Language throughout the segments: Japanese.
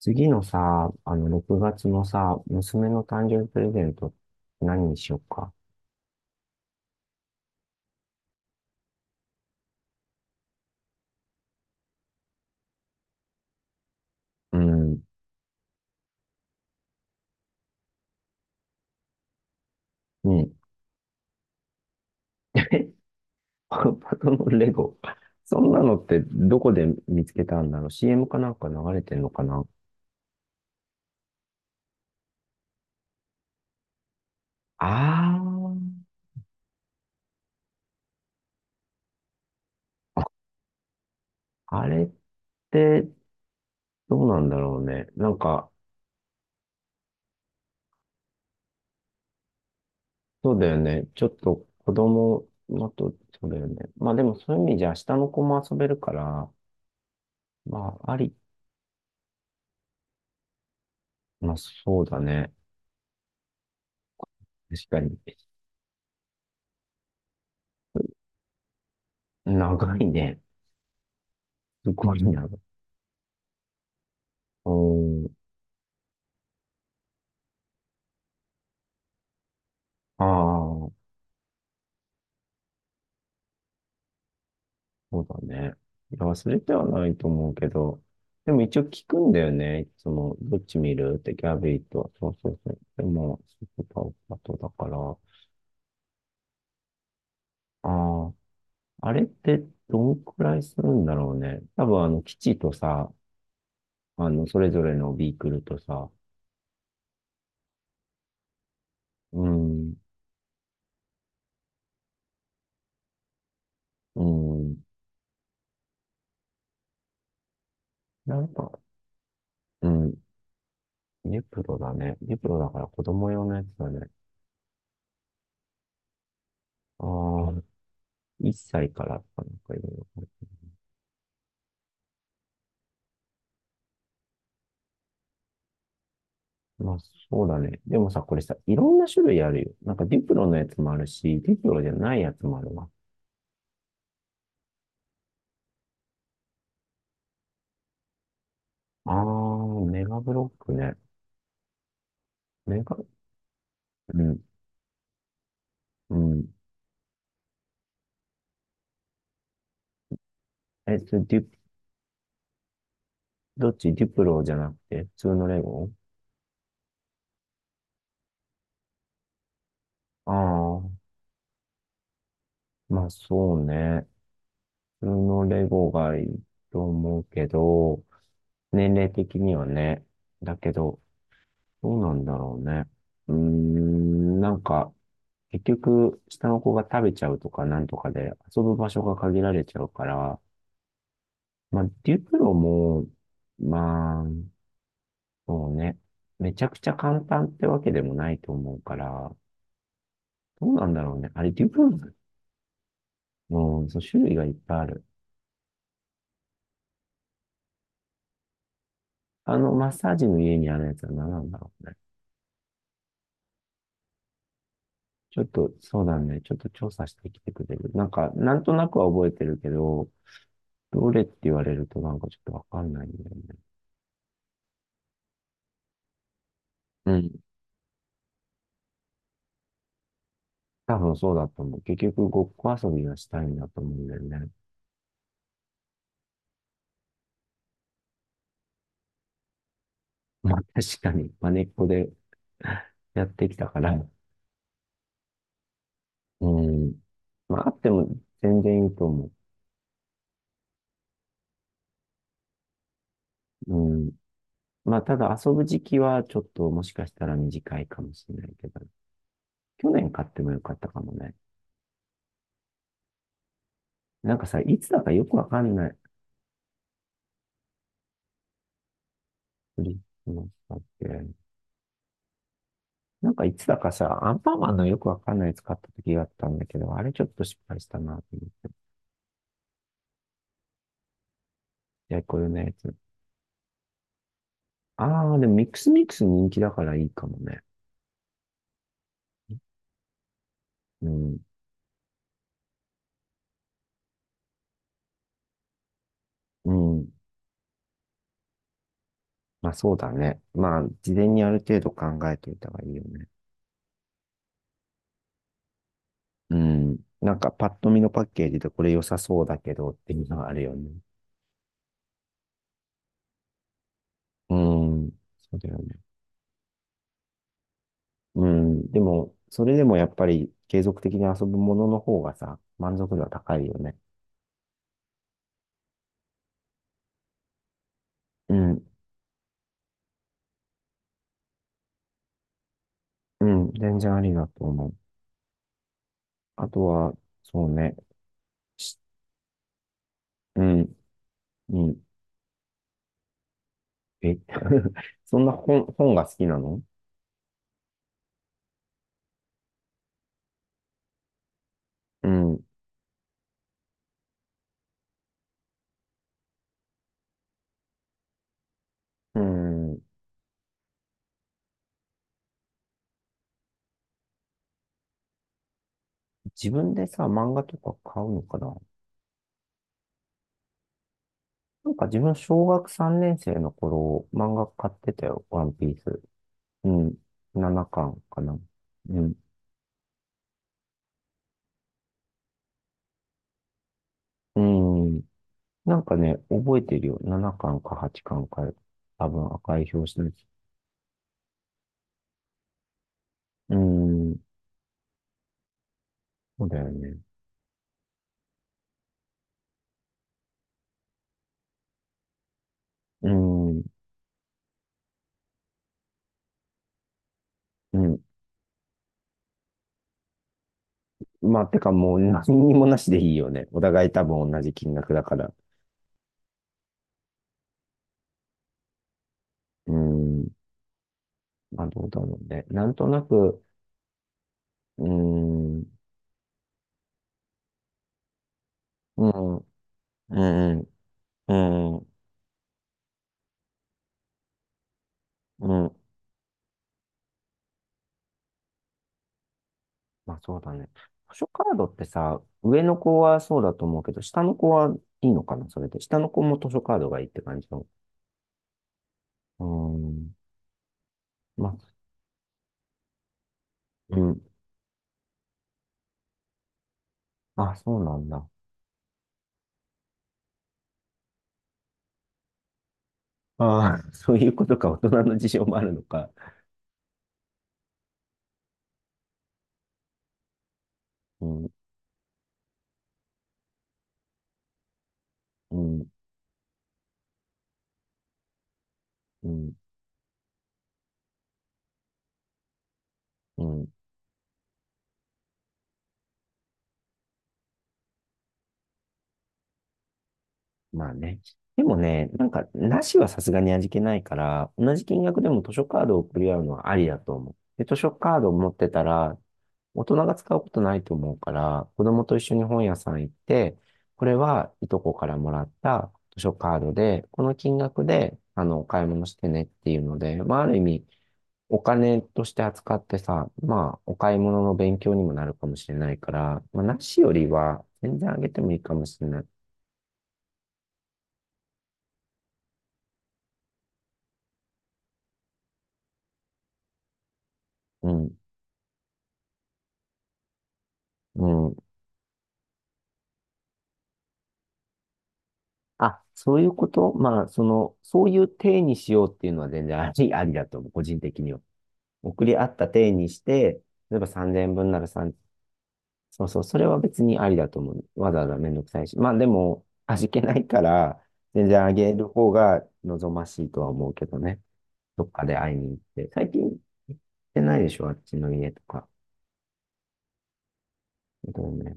次のさ、6月のさ、娘の誕生日プレゼント、何にしようか。うん、うん。えパパとのレゴ。そんなのってどこで見つけたんだろう ?CM かなんか流れてんのかな？ああー、あれってどうなんだろうね。なんか、そうだよね。ちょっと子供のと、そうだよね。まあでもそういう意味じゃ下の子も遊べるから、まああり、まあそうだね。確かに。長いね。すごい長い。うん。ああ、そうだね。いや、忘れてはないと思うけど、でも一応聞くんだよね。いつも、どっち見るってギャビーと。そうそうそう。でも、スーパーパトだから。ああ、あれってどんくらいするんだろうね。多分、基地とさ、それぞれのビークルとさ、うん、うん、なんか、うん、ネプロだね。ネプロだから子供用のやつだね。ああ、1歳からとかなんかいろいろ。まあ、そうだね。でもさ、これさ、いろんな種類あるよ。なんかディプロのやつもあるし、ディプロじゃないやつもあるわ。あー、メガブロックね。メガ、うん、うん。えっディ、どっちディプロじゃなくて、普通のレゴ？あー、まあそうね。普通のレゴがいいと思うけど、年齢的にはね。だけど、どうなんだろうね。うーん、なんか、結局、下の子が食べちゃうとかなんとかで遊ぶ場所が限られちゃうから、まあ、デュプロも、まあ、そうね、めちゃくちゃ簡単ってわけでもないと思うから、どうなんだろうね。あれ、デュプロも、そう、種類がいっぱいある。マッサージの家にあるやつは何なんだろうね。ちょっと、そうだね。ちょっと調査してきてくれる。なんか、なんとなくは覚えてるけど、どれって言われるとなんかちょっとわかんないんだよね。うん。多分そうだと思う。結局、ごっこ遊びがしたいんだと思うんだよね。まあ確かに、まねっこで やってきたから。うん。まああっても全然いいと思う。うん。まあただ遊ぶ時期はちょっともしかしたら短いかもしれないけど、去年買ってもよかったかもね。なんかさ、いつだかよくわかんない。クリスマスだっけ。なんかいつだかさ、アンパンマンのよくわかんないやつ買った時があったんだけど、あれちょっと失敗したなと思って。やいこよのやつ。ああ、でもミックスミックス人気だからいいかもね。うん。うん。まあそうだね。まあ、事前にある程度考えておいた方がいいよね。うん。なんかパッと見のパッケージでこれ良さそうだけどっていうのがあるよね。うん。そうだよね。うん。でも、それでもやっぱり継続的に遊ぶものの方がさ、満足度は高いよね。うん。うん。全然ありだと思う。あとは、そうね、しうん、うん、え、そんな本が好きなの？うん、うん。自分でさ、漫画とか買うのかな？なんか自分、小学3年生の頃、漫画買ってたよ、ワンピース。うん、7巻かんかな。うん、うん。なんかね、覚えてるよ。7巻か8巻かんか、多分赤い表紙のやつ。うん、そうだよね。うん、うん、まあ、てかもう何にもなしでいいよね。お互い多分同じ金額だから。うーん。まあ、どうだろうね。なんとなく、うーん、うん、うん、うん、うん。まあ、そうだね。図書カードってさ、上の子はそうだと思うけど、下の子はいいのかな、それで。下の子も図書カードがいいって感じの。うーん。まあ、うん。あ、そうなんだ。ああ、そういうことか、大人の事情もあるのか。うん、うん、うん、うん。まあね。でもね、なんか、なしはさすがに味気ないから、同じ金額でも図書カードを送り合うのはありだと思う。で、図書カードを持ってたら、大人が使うことないと思うから、子供と一緒に本屋さん行って、これはいとこからもらった図書カードで、この金額で、お買い物してねっていうので、まあ、ある意味、お金として扱ってさ、まあ、お買い物の勉強にもなるかもしれないから、まあ、なしよりは、全然あげてもいいかもしれない。うん。うそういうことまあ、そういう体にしようっていうのは全然あり、ありだと思う、個人的には。送り合った体にして、例えば3 0分なら3、そうそう、それは別にありだと思う。わざわざめんどくさいし。まあでも、味気ないから、全然あげる方が望ましいとは思うけどね。どっかで会いに行って。最近行ってないでしょ、あっちの家とか。だよね。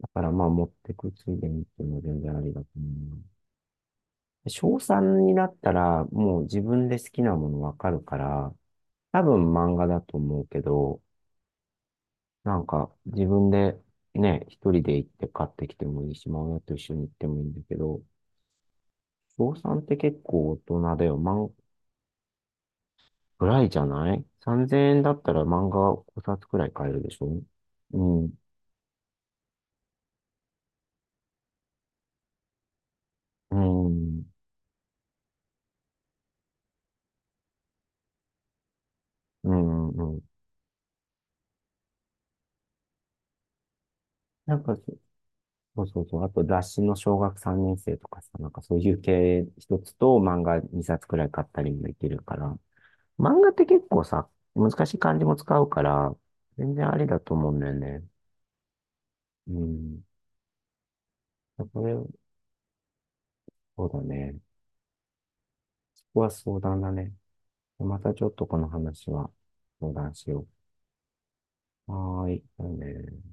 だからまあ持ってくついでにっていうのは全然ありだと思うな。小3になったら、もう自分で好きなものわかるから、多分漫画だと思うけど、なんか自分でね、一人で行って買ってきてもいいし、まあ親と一緒に行ってもいいんだけど、小3って結構大人だよ。漫画、ぐらいじゃない ?3000 円だったら漫画5冊くらい買えるでしょ？うん、うん、うん、うん。なんか、そうそうそう。あと雑誌の小学3年生とかさ、なんかそういう系一つと漫画2冊くらい買ったりもできるから、漫画って結構さ、難しい漢字も使うから、全然ありだと思うんだよね。うん。これ、そうだね。そこは相談だね。またちょっとこの話は相談しよう。はーい。じゃあね。